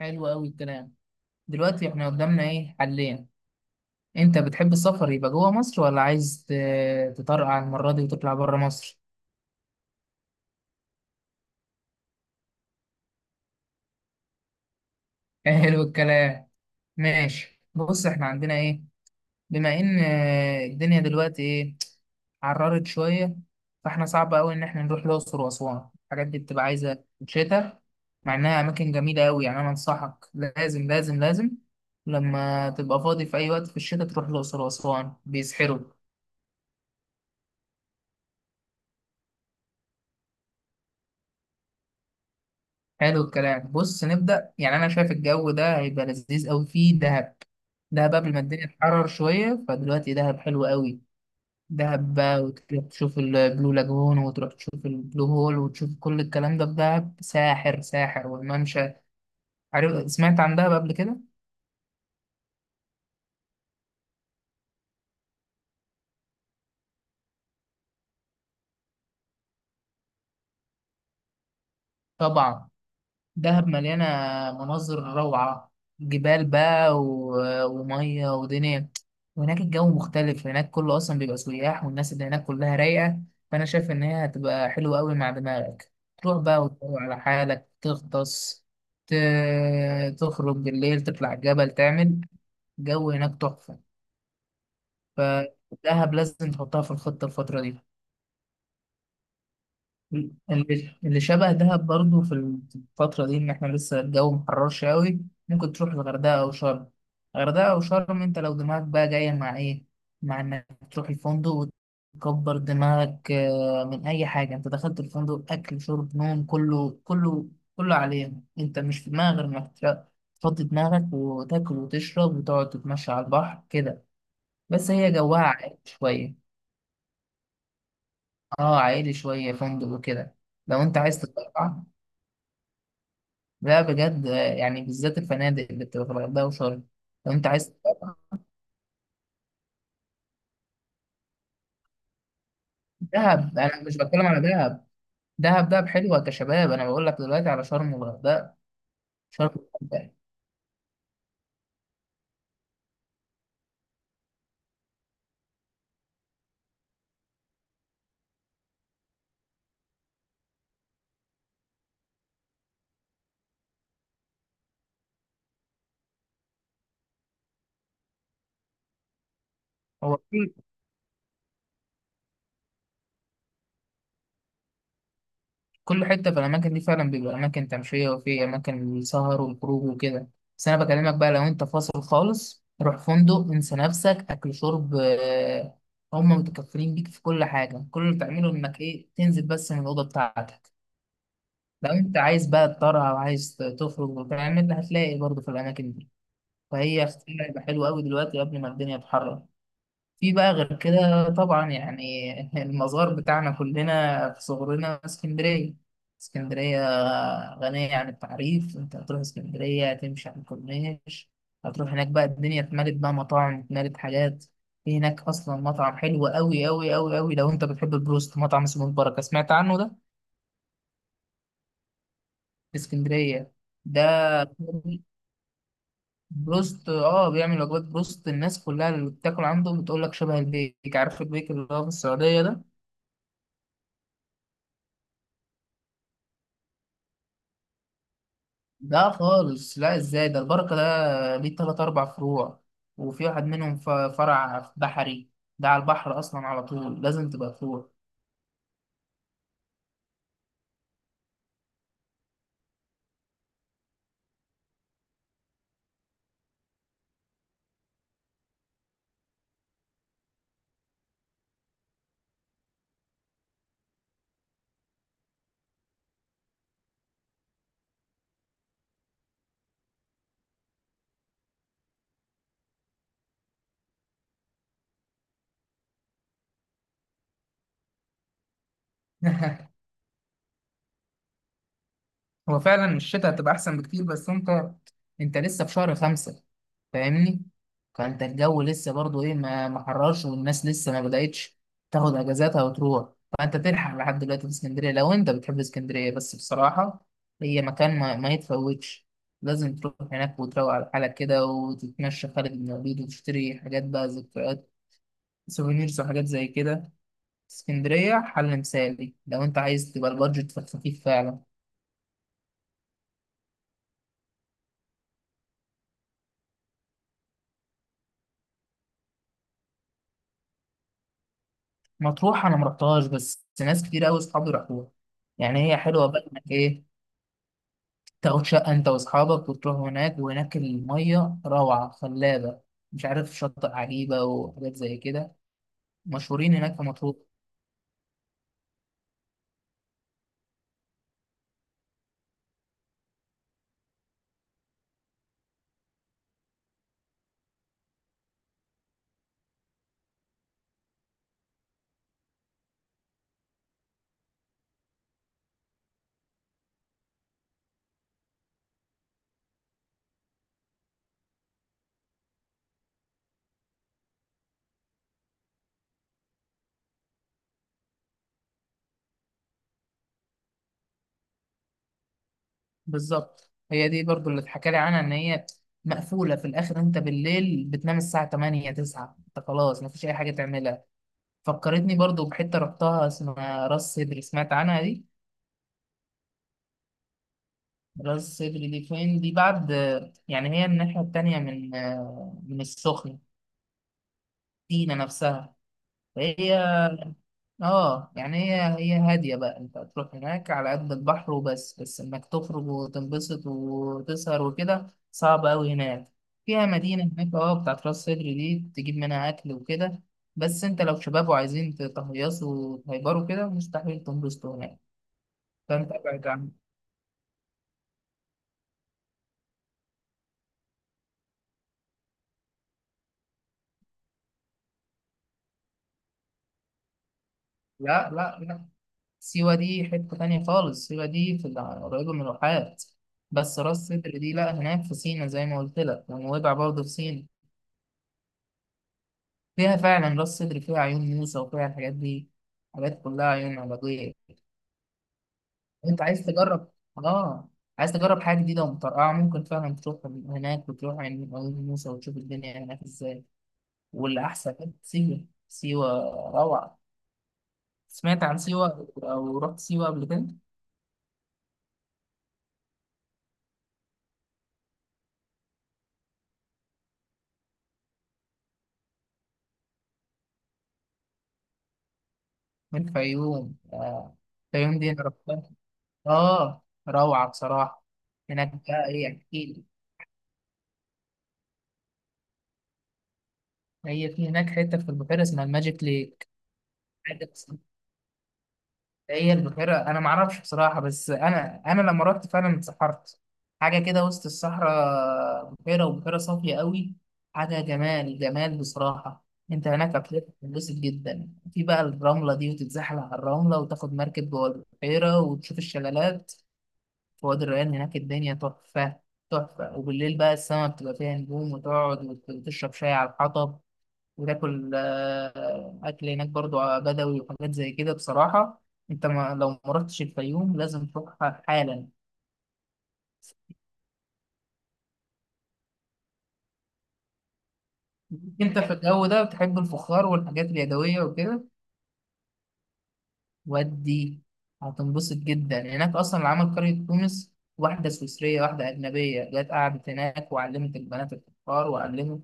حلو أوي الكلام. دلوقتي إحنا قدامنا إيه حلين؟ أنت بتحب السفر يبقى جوه مصر ولا عايز تطرقع المرة دي وتطلع بره مصر؟ حلو الكلام. ماشي، بص إحنا عندنا إيه. بما إن الدنيا دلوقتي إيه، عررت شوية. فإحنا صعب أوي إن إحنا نروح الأقصر وأسوان، الحاجات دي بتبقى عايزة شتاء. مع إنها أماكن جميلة أوي، يعني أنا أنصحك لازم لازم لازم لما تبقى فاضي في أي وقت في الشتاء تروح الأقصر وأسوان، بيسحروا. حلو الكلام. بص نبدأ، يعني أنا شايف الجو ده هيبقى لذيذ أوي فيه دهب. دهب قبل ما الدنيا تحرر شوية، فدلوقتي دهب حلو أوي. دهب بقى وتروح تشوف البلو لاجون وتروح تشوف البلو هول وتشوف كل الكلام ده في دهب، ساحر ساحر، والممشى. عارف، سمعت عن دهب قبل كده؟ طبعا دهب مليانة مناظر روعة، جبال بقى ومية ودنيا. وهناك الجو مختلف، هناك كله أصلا بيبقى سياح والناس اللي هناك كلها رايقة. فأنا شايف إن هي هتبقى حلوة أوي مع دماغك، تروح بقى وتروح على حالك تغطس، ت... تخرج بالليل تطلع جبل تعمل. جو هناك تحفة. فدهب لازم تحطها في الخطة الفترة دي. اللي شبه دهب برضو في الفترة دي، إن إحنا لسه الجو محررش أوي، ممكن تروح الغردقة أو شرم. الغردقة أو شرم، أنت لو دماغك بقى جاية مع إيه؟ مع إنك تروح الفندق وتكبر دماغك من أي حاجة. أنت دخلت الفندق أكل شرب نوم، كله كله كله عليك. أنت مش في دماغك غير إنك تفضي دماغك وتاكل وتشرب وتقعد تتمشى على البحر كده. بس هي جواها عائلي شوية. أه، عائلي شوية، فندق وكده. لو أنت عايز تطلع، لا بجد. يعني بالذات الفنادق اللي بتبقى في الغردقة وشرم. لو انت عايز. دهب انا مش بتكلم على دهب. دهب، دهب حلوة كشباب، انا بقول لك دلوقتي على شرم والغردقة. شرم والغردقة. هو كل حتة في الأماكن دي فعلا بيبقى أماكن تمشية، وفي أماكن السهر والخروج وكده. بس أنا بكلمك بقى لو أنت فاصل خالص، روح فندق انسى نفسك أكل شرب، هم متكفلين بيك في كل حاجة. كل اللي بتعمله إنك إيه، تنزل بس من الأوضة بتاعتك. لو انت عايز بقى تطرح او عايز تخرج وتعمل، هتلاقي برضه في الاماكن دي. فهي اختيار هيبقى حلو قوي دلوقتي قبل ما الدنيا تحرر. في بقى غير كده طبعا يعني، المزار بتاعنا كلنا في صغرنا اسكندريه. اسكندريه غنيه عن التعريف. انت هتروح اسكندريه هتمشي على الكورنيش. هتروح هناك بقى، الدنيا اتملت بقى، مطاعم اتملت حاجات. في هناك اصلا مطعم حلو قوي قوي قوي قوي لو انت بتحب البروست، مطعم اسمه البركه. سمعت عنه ده؟ في اسكندريه. ده بروست، اه بيعمل وجبات بروست. الناس كلها اللي بتاكل عنده بتقول لك شبه البيك. عارف البيك اللي هو في السعودية ده؟ ده خالص؟ لا ازاي، ده البركة ده ليه تلات أربع فروع. وفي واحد منهم فرع في بحري، ده على البحر أصلا على طول لازم تبقى فروع. هو فعلا الشتاء هتبقى احسن بكتير. بس انت لسه في شهر خمسة، فاهمني. فانت الجو لسه برضو ايه، ما حررش، والناس لسه ما بدأتش تاخد اجازاتها وتروح. فانت تلحق لحد دلوقتي في اسكندرية لو انت بتحب اسكندرية. بس بصراحة هي مكان ما يتفوتش. لازم تروح هناك وتروق على حالك كده، وتتمشى خالد بن الوليد وتشتري حاجات بقى، ذكريات سوفينيرز وحاجات زي كده. اسكندرية حل مثالي لو انت عايز تبقى البادجت في الخفيف فعلا. مطروح انا ما رحتهاش، بس ناس كتير قوي اصحابي راحوها. يعني هي حلوه بقى انك ايه، تاخد شقه انت واصحابك وتروح هناك، وهناك الميه روعه خلابه. مش عارف، شاطئ عجيبه وحاجات زي كده مشهورين هناك في مطروح. بالظبط، هي دي برضو اللي اتحكى لي عنها، ان هي مقفوله في الاخر. انت بالليل بتنام الساعه 8 9، انت خلاص مفيش اي حاجه تعملها. فكرتني برضو بحته رحتها اسمها راس سدر، سمعت عنها؟ راس صدري دي فين دي بعد؟ يعني هي الناحية التانية من السخنة، سينا نفسها، فهي. اه يعني هي هادية بقى، انت هتروح هناك على قد البحر وبس. بس انك تخرج وتنبسط وتسهر وكده صعب أوي هناك. فيها مدينة هناك، اه، بتاعت راس صدري دي تجيب منها أكل وكده. بس انت لو شباب وعايزين تهيصوا وتهيبروا كده، مستحيل تنبسطوا هناك. فانت ابعد عن. لا لا لا، سيوة دي حتة تانية خالص. سيوة دي في قريبة من الواحات. بس راس سدر دي لا، هناك في سينا زي ما قلت لك، ونويبع برضه في سينا. فيها فعلا راس سدر فيها عيون موسى وفيها الحاجات دي، حاجات كلها عيون علاجية. انت عايز تجرب؟ اه، عايز تجرب حاجة جديدة ومترقعة، ممكن فعلا تروح هناك وتروح عند عيون موسى وتشوف الدنيا هناك ازاي. والأحسن كانت سيوة. سيوة روعة. سمعت عن سيوة أو رحت سيوة قبل كده؟ من الفيوم الفيوم دي أنا رحتها، اه روعة بصراحة. هناك بقى ايه اكيد. هي في هناك حتة في البحيرة اسمها الماجيك ليك. حاجة هي البحيرة انا معرفش بصراحة، بس انا لما رحت فعلا اتسحرت. حاجة كده وسط الصحراء، بحيرة، وبحيرة صافية قوي. حاجة جمال جمال بصراحة. انت هناك هتتبسط جدا في بقى الرملة دي وتتزحلق على الرملة، وتاخد مركب جوه البحيرة وتشوف الشلالات في وادي الريان. هناك الدنيا تحفة. تحفة. وبالليل بقى السما بتبقى فيها نجوم، وتقعد وتشرب شاي على الحطب وتاكل أكل هناك برضو بدوي وحاجات زي كده بصراحة. أنت ما، لو ما رحتش الفيوم لازم تروح حالا. أنت في الجو ده بتحب الفخار والحاجات اليدوية وكده. ودي هتنبسط جدا، يعني هناك أصلا اللي عمل قرية تونس، واحدة سويسرية، واحدة أجنبية، جت قعدت هناك وعلمت البنات الفخار وعلمت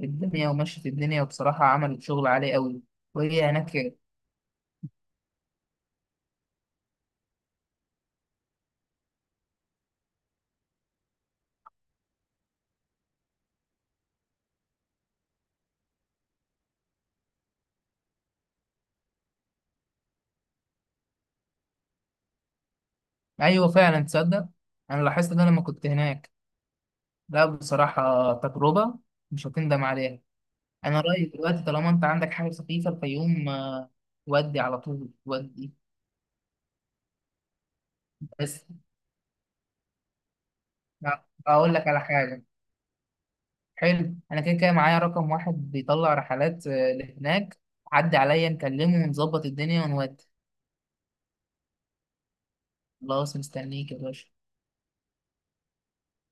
الدنيا ومشت الدنيا، وبصراحة عملت شغل عالي قوي. وهي هناك كده. أيوة فعلا، تصدق أنا لاحظت ده لما كنت هناك. لا بصراحة، تجربة مش هتندم عليها. أنا رأيي دلوقتي طالما أنت عندك حاجة سخيفة الفيوم، ودي على طول ودي. بس لا، أقول لك على حاجة. حلو، أنا كده كده معايا رقم واحد بيطلع رحلات لهناك. عدي عليا نكلمه ونظبط الدنيا ونودي. خلاص مستنيك يا باشا.